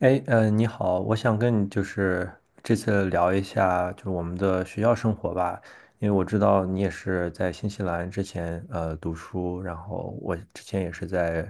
哎，你好，我想跟你就是这次聊一下，就是我们的学校生活吧，因为我知道你也是在新西兰之前读书，然后我之前也是在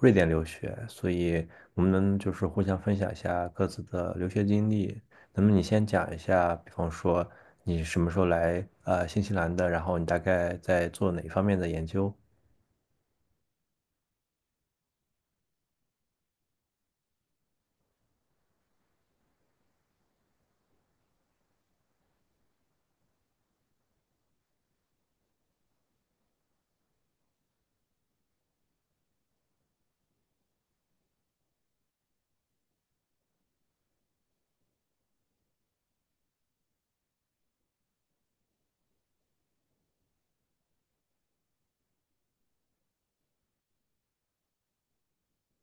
瑞典留学，所以我们能就是互相分享一下各自的留学经历。那么你先讲一下，比方说你什么时候来新西兰的，然后你大概在做哪方面的研究？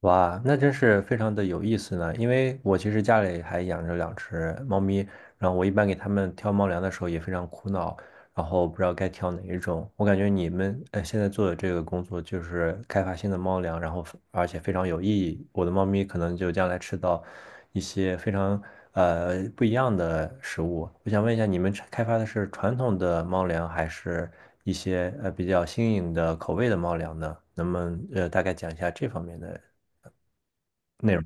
哇，那真是非常的有意思呢。因为我其实家里还养着两只猫咪，然后我一般给它们挑猫粮的时候也非常苦恼，然后不知道该挑哪一种。我感觉你们现在做的这个工作就是开发新的猫粮，然后而且非常有意义。我的猫咪可能就将来吃到一些非常不一样的食物。我想问一下，你们开发的是传统的猫粮，还是一些比较新颖的口味的猫粮呢？能不能大概讲一下这方面的内容。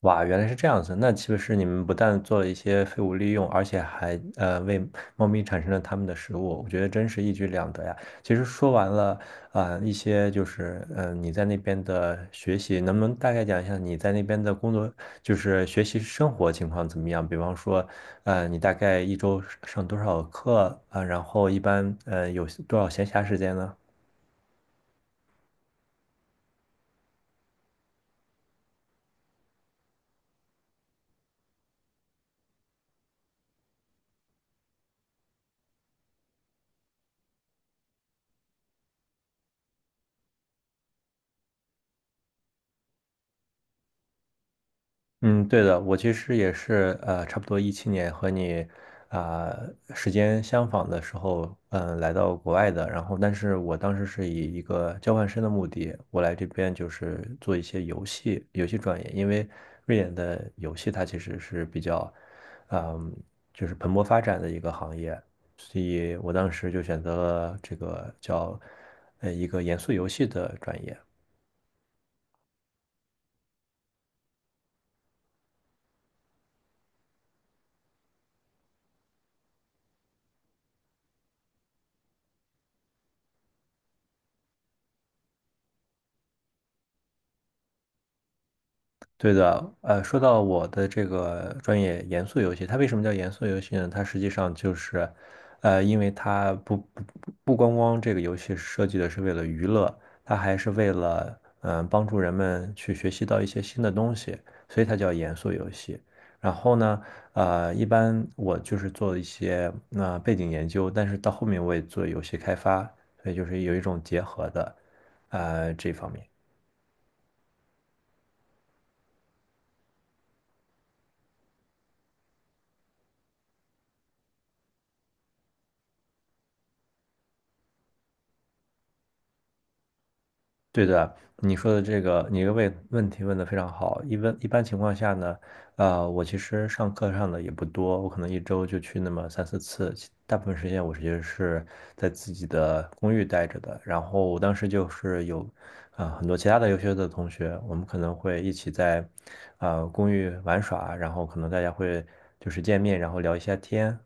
哇，原来是这样子。那岂不是你们不但做了一些废物利用，而且还为猫咪产生了它们的食物，我觉得真是一举两得呀。其实说完了一些就是你在那边的学习，能不能大概讲一下你在那边的工作，就是学习生活情况怎么样？比方说，你大概一周上多少课然后一般有多少闲暇时间呢？嗯，对的，我其实也是，差不多2017年和你啊、时间相仿的时候，来到国外的。然后，但是我当时是以一个交换生的目的，我来这边就是做一些游戏专业，因为瑞典的游戏它其实是比较，嗯，就是蓬勃发展的一个行业，所以我当时就选择了这个叫一个严肃游戏的专业。对的，说到我的这个专业严肃游戏，它为什么叫严肃游戏呢？它实际上就是，因为它不光光这个游戏设计的是为了娱乐，它还是为了帮助人们去学习到一些新的东西，所以它叫严肃游戏。然后呢，一般我就是做一些背景研究，但是到后面我也做游戏开发，所以就是有一种结合的，这方面。对的，你说的这个，你个问问题问的非常好。一般情况下呢，我其实上课上的也不多，我可能一周就去那么三四次，其大部分时间我其实是在自己的公寓待着的。然后我当时就是有，很多其他的优秀的同学，我们可能会一起在，公寓玩耍，然后可能大家会就是见面，然后聊一下天。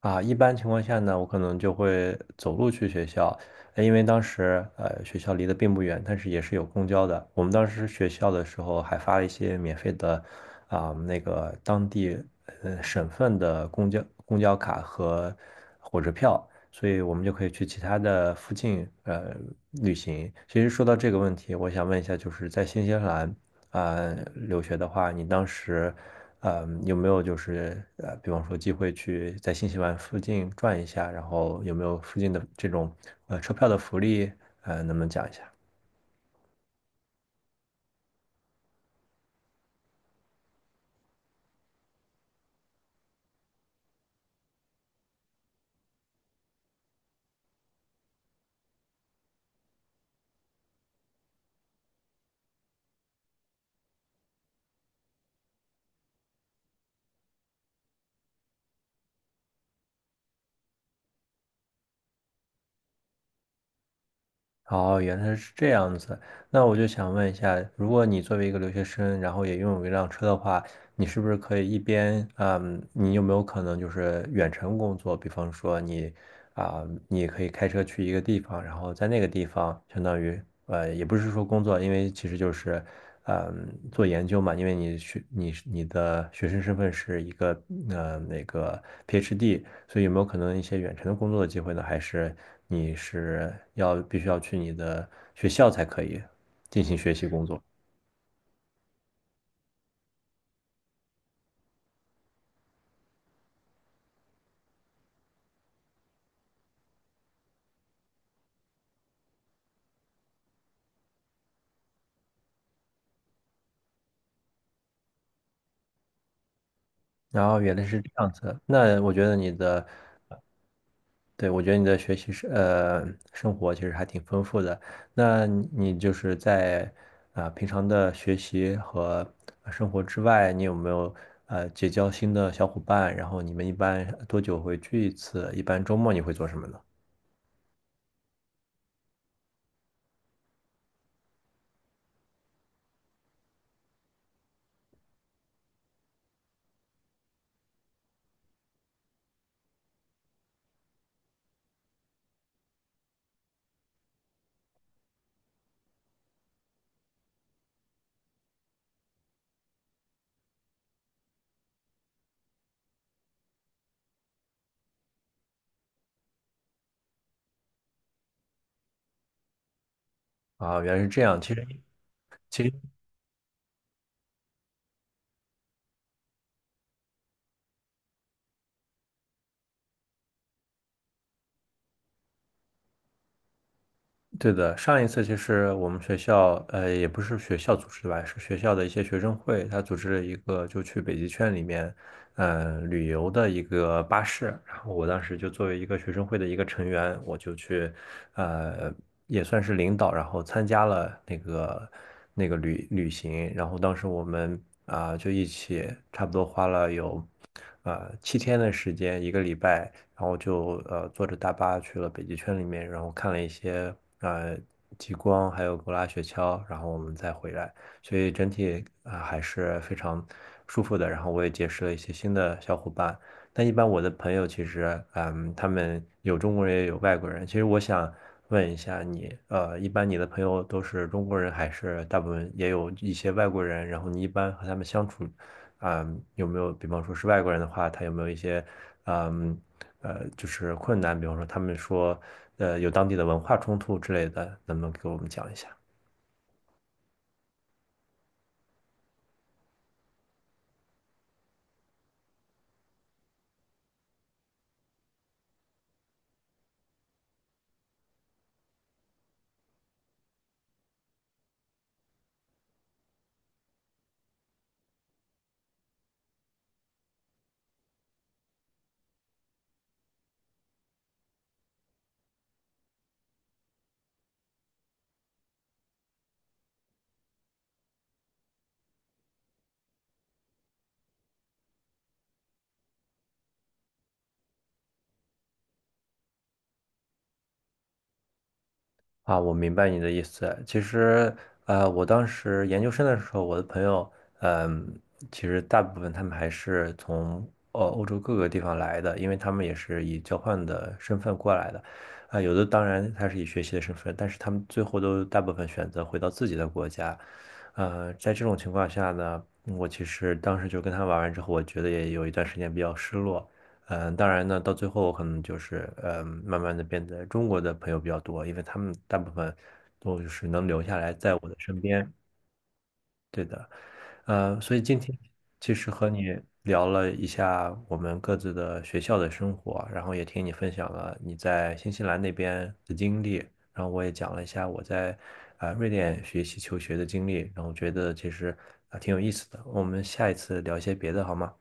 啊，一般情况下呢，我可能就会走路去学校，因为当时学校离得并不远，但是也是有公交的。我们当时学校的时候还发了一些免费的那个当地省份的公交卡和火车票，所以我们就可以去其他的附近旅行。其实说到这个问题，我想问一下，就是在新西兰留学的话，你当时有没有就是比方说机会去在新西兰附近转一下，然后有没有附近的这种车票的福利，能不能讲一下？哦，原来是这样子。那我就想问一下，如果你作为一个留学生，然后也拥有一辆车的话，你是不是可以一边，你有没有可能就是远程工作？比方说啊、你也可以开车去一个地方，然后在那个地方，相当于也不是说工作，因为其实就是，做研究嘛，因为你是你的学生身份是一个呃那个 PhD，所以有没有可能一些远程的工作的机会呢？还是你是要必须要去你的学校才可以进行学习工作？然后原来是这样子，那我觉得你的。对，我觉得你的学习是生活其实还挺丰富的。那你就是在平常的学习和生活之外，你有没有结交新的小伙伴？然后你们一般多久会聚一次？一般周末你会做什么呢？啊，原来是这样。其实对的，上一次其实我们学校也不是学校组织的吧，是学校的一些学生会，他组织了一个就去北极圈里面旅游的一个巴士。我当时就作为一个学生会的一个成员，我就去，呃，也算是领导，然后参加了那个旅行。然后当时我们就一起差不多花了有7天的时间，一个礼拜，然后就坐着大巴去了北极圈里面，然后看了一些呃极光，还有狗拉雪橇，然后我们再回来。所以整体还是非常舒服的。然后我也结识了一些新的小伙伴，但一般我的朋友其实，他们有中国人也有外国人。其实我想问一下你，一般你的朋友都是中国人，还是大部分也有一些外国人？然后你一般和他们相处，有没有，比方说是外国人的话，他有没有一些，嗯，就是困难？比方说他们说，有当地的文化冲突之类的，能不能给我们讲一下？啊，我明白你的意思。其实，我当时研究生的时候，我的朋友，嗯，其实大部分他们还是从欧洲各个地方来的，因为他们也是以交换的身份过来的。有的当然他是以学习的身份，但是他们最后都大部分选择回到自己的国家。在这种情况下呢，我其实当时就跟他玩完之后，我觉得也有一段时间比较失落。当然呢，到最后我可能就是慢慢的变得中国的朋友比较多，因为他们大部分都就是能留下来在我的身边。对。所以今天其实和你聊了一下我们各自的学校的生活，然后也听你分享了你在新西兰那边的经历，然后我也讲了一下我在瑞典学习求学的经历，然后觉得其实挺有意思的。我们下一次聊一些别的好吗？